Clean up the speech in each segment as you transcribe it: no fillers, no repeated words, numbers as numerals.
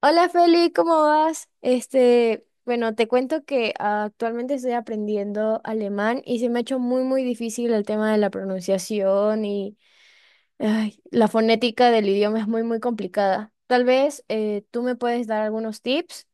Hola Feli, ¿cómo vas? Este, bueno, te cuento que actualmente estoy aprendiendo alemán y se me ha hecho muy, muy difícil el tema de la pronunciación y ay, la fonética del idioma es muy, muy complicada. Tal vez tú me puedes dar algunos tips.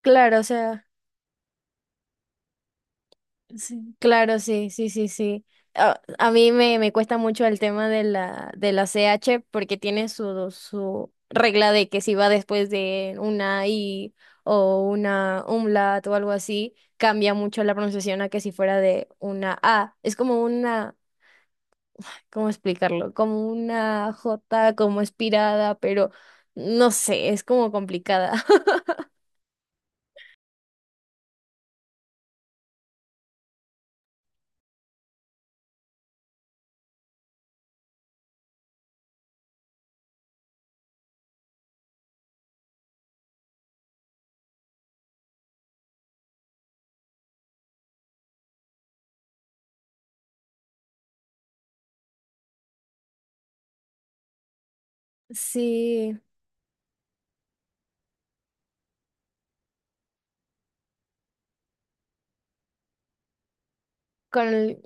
Claro, o sea. Sí, claro, sí, sí, sí, sí. A mí me cuesta mucho el tema de la CH porque tiene su regla de que si va después de una I o una umlaut o algo así, cambia mucho la pronunciación a que si fuera de una A. Es como una, ¿cómo explicarlo? Como una J como espirada, pero no sé, es como complicada. Sí. Con...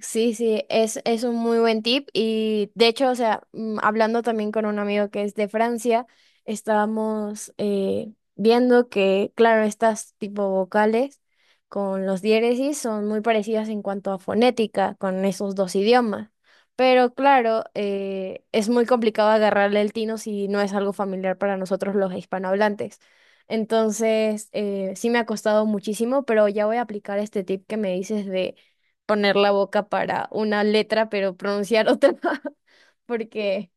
Sí, sí, es un muy buen tip y de hecho, o sea, hablando también con un amigo que es de Francia, estábamos viendo que, claro, estas tipo vocales con los diéresis son muy parecidas en cuanto a fonética con esos dos idiomas, pero claro, es muy complicado agarrarle el tino si no es algo familiar para nosotros los hispanohablantes. Entonces, sí me ha costado muchísimo, pero ya voy a aplicar este tip que me dices de poner la boca para una letra, pero pronunciar otra, porque,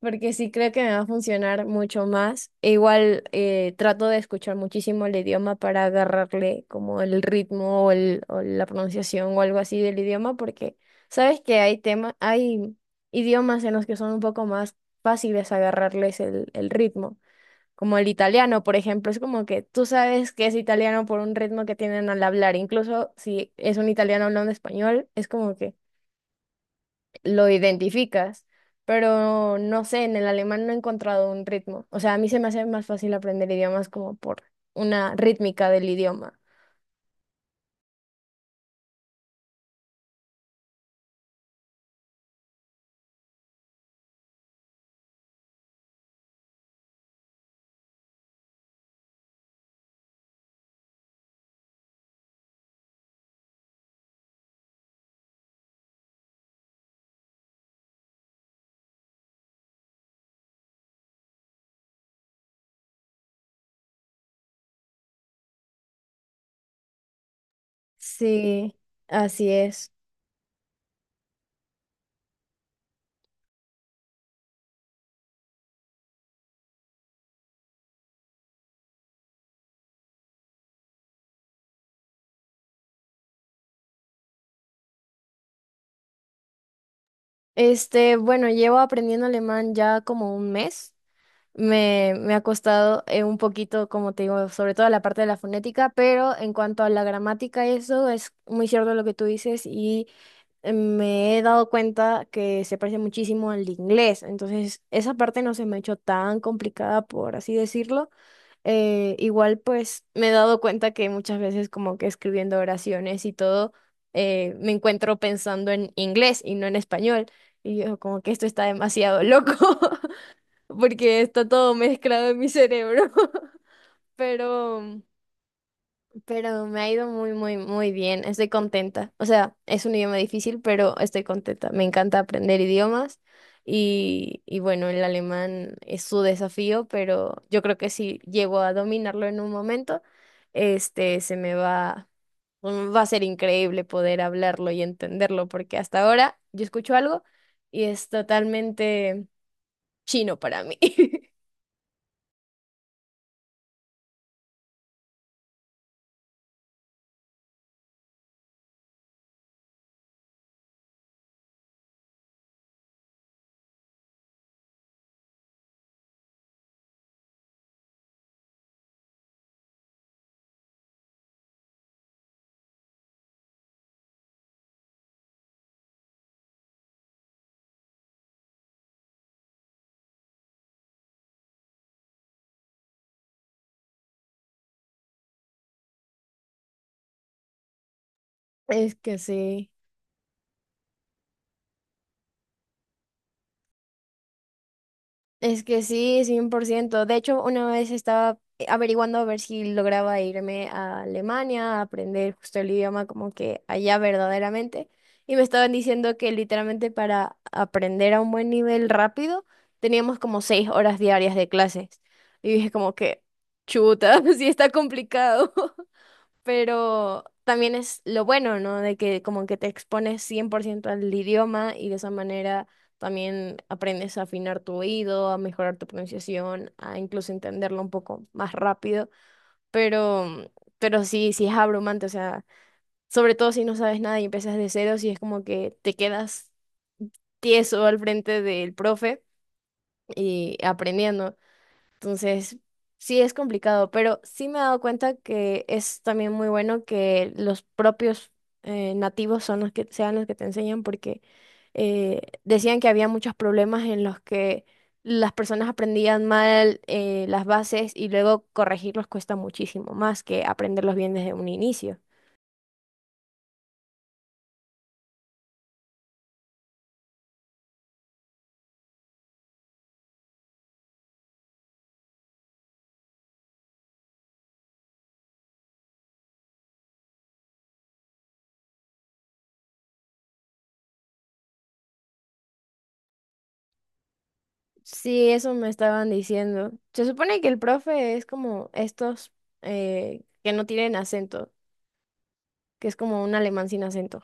porque sí creo que me va a funcionar mucho más. E igual trato de escuchar muchísimo el idioma para agarrarle como el ritmo o, el, o la pronunciación o algo así del idioma, porque sabes que hay temas, hay idiomas en los que son un poco más fáciles agarrarles el ritmo como el italiano, por ejemplo, es como que tú sabes que es italiano por un ritmo que tienen al hablar, incluso si es un italiano hablando español, es como que lo identificas, pero no sé, en el alemán no he encontrado un ritmo, o sea, a mí se me hace más fácil aprender idiomas como por una rítmica del idioma. Sí, así es. Este, bueno, llevo aprendiendo alemán ya como un mes. Me ha costado un poquito, como te digo, sobre todo la parte de la fonética, pero en cuanto a la gramática, eso es muy cierto lo que tú dices y me he dado cuenta que se parece muchísimo al inglés, entonces esa parte no se me ha hecho tan complicada, por así decirlo. Igual pues me he dado cuenta que muchas veces como que escribiendo oraciones y todo, me encuentro pensando en inglés y no en español, y yo como que esto está demasiado loco. Porque está todo mezclado en mi cerebro. Pero, pero me ha ido muy, muy, muy bien. Estoy contenta. O sea, es un idioma difícil, pero estoy contenta. Me encanta aprender idiomas y bueno, el alemán es su desafío, pero yo creo que si llego a dominarlo en un momento, este, se me va, mm, va a ser increíble poder hablarlo y entenderlo, porque hasta ahora yo escucho algo y es totalmente chino para mí. Es que sí, es que sí, 100%. De hecho, una vez estaba averiguando a ver si lograba irme a Alemania a aprender justo el idioma como que allá verdaderamente. Y me estaban diciendo que literalmente para aprender a un buen nivel rápido teníamos como 6 horas diarias de clases. Y dije como que, chuta, sí está complicado. Pero también es lo bueno, ¿no? De que como que te expones 100% al idioma y de esa manera también aprendes a afinar tu oído, a mejorar tu pronunciación, a incluso entenderlo un poco más rápido, pero, mm, pero sí, sí es abrumante, o sea, sobre todo si no sabes nada y empiezas de cero, sí es como que te quedas tieso al frente del profe y aprendiendo. Entonces, sí es complicado, pero sí me he dado cuenta que es también muy bueno que los propios nativos son los que sean los que te enseñan, porque decían que había muchos problemas en los que las personas aprendían mal las bases y luego corregirlos cuesta muchísimo más que aprenderlos bien desde un inicio. Sí, eso me estaban diciendo. Se supone que el profe es como estos que no tienen acento, que es como un alemán sin acento.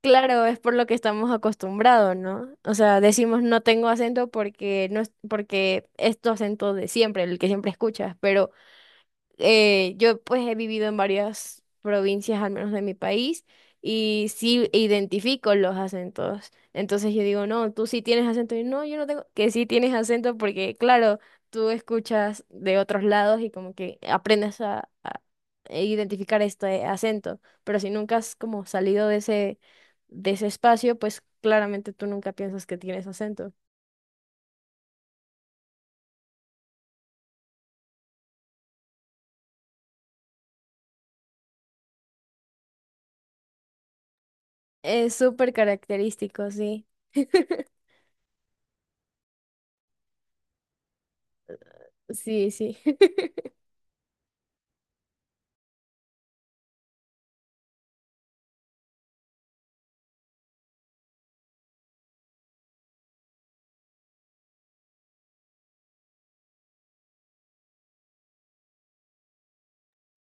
Claro, es por lo que estamos acostumbrados, ¿no? O sea, decimos no tengo acento porque no es porque es tu acento de siempre, el que siempre escuchas, pero yo pues he vivido en varias provincias, al menos de mi país, y sí identifico los acentos. Entonces yo digo, no, tú sí tienes acento. Y no, yo no tengo, que sí tienes acento porque, claro, tú escuchas de otros lados y como que aprendes a identificar este acento. Pero si nunca has como salido de ese espacio, pues claramente tú nunca piensas que tienes acento. Es súper característico, sí. Sí, sí.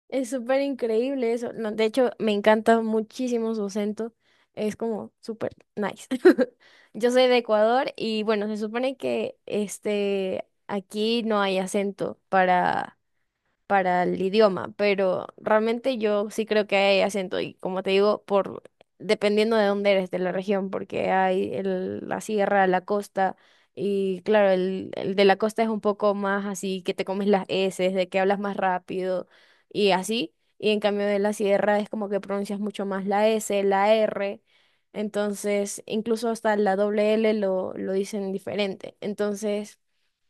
Es súper increíble eso. No, de hecho, me encanta muchísimo su acento. Es como súper nice. Yo soy de Ecuador y bueno, se supone que este aquí no hay acento para el idioma, pero realmente yo sí creo que hay acento y como te digo, por dependiendo de dónde eres, de la región, porque hay la sierra, la costa y claro, el de la costa es un poco más así que te comes las eses, de que hablas más rápido y así, y en cambio de la sierra es como que pronuncias mucho más la S, la R. Entonces, incluso hasta la doble L lo dicen diferente. Entonces,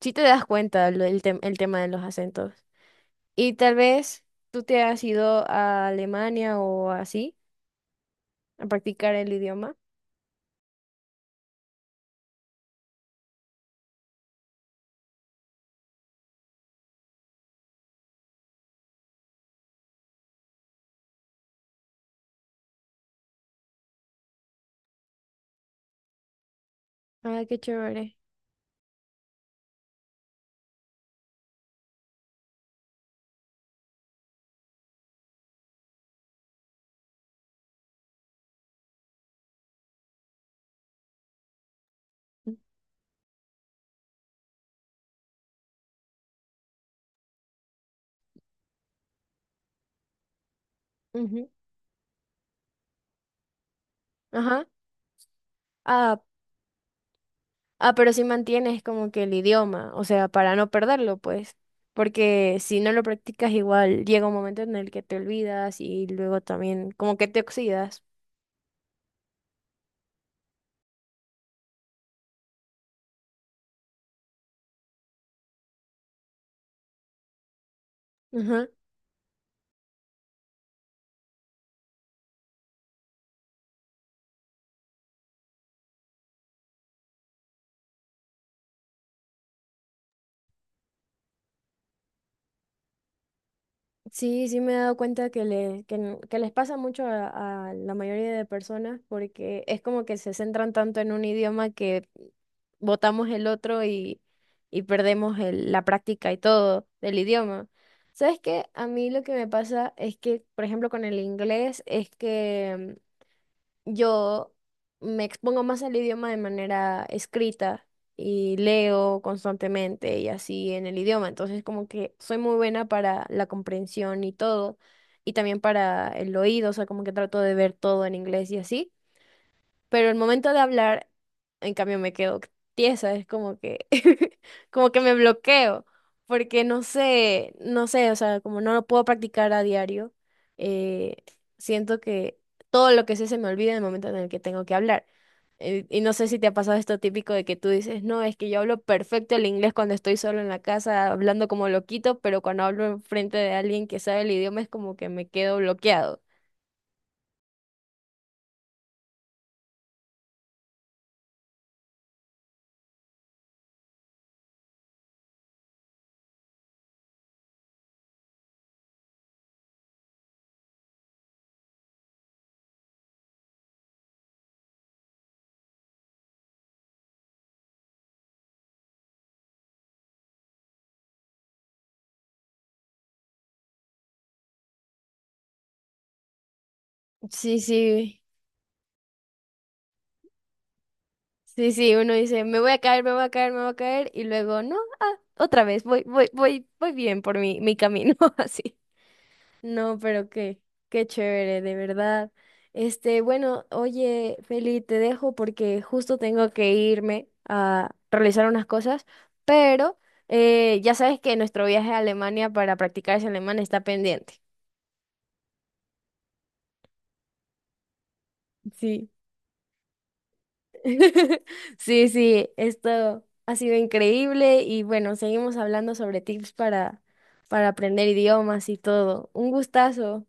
sí te das cuenta el tema de los acentos. Y tal vez tú te has ido a Alemania o así a practicar el idioma. Ah, qué chévere. Ujú. Ajá. Ah, ah, pero si mantienes como que el idioma, o sea, para no perderlo, pues. Porque si no lo practicas, igual llega un momento en el que te olvidas y luego también como que te oxidas. Ajá. Sí, sí me he dado cuenta que, le, que, n- que les pasa mucho a la mayoría de personas porque es como que se centran tanto en un idioma que botamos el otro y perdemos la práctica y todo del idioma. ¿Sabes qué? A mí lo que me pasa es que, por, ejemplo, con el inglés es que yo me expongo más al idioma de manera escrita y leo constantemente y así en el idioma. Entonces, como que soy muy buena para la comprensión y todo, y también para el oído, o sea, como que trato de ver todo en inglés y así. Pero el momento de hablar, en cambio, me quedo tiesa, es como que, como que me bloqueo, porque no sé, no sé, o sea, como no lo puedo practicar a diario, eh, siento que todo lo que sé se me olvida en el momento en el que tengo que hablar. Y no sé si te ha pasado esto típico de que tú dices, no, es que yo hablo perfecto el inglés cuando estoy solo en la casa hablando como loquito, pero cuando hablo enfrente de alguien que sabe el idioma es como que me quedo bloqueado. Sí, sí. Sí, sí, uno dice, me voy a caer, me voy a caer, me voy a caer, y luego, no, ah, otra vez, voy, voy, voy, voy bien por mi, mi camino, así. No, pero qué chévere, de verdad. Este, bueno, oye, Feli, te dejo porque justo tengo que irme a realizar unas cosas, pero ya sabes que nuestro viaje a Alemania para practicar ese alemán está pendiente. Sí. Sí, sí, esto ha sido increíble y bueno, seguimos hablando sobre tips para aprender idiomas y todo. Un gustazo.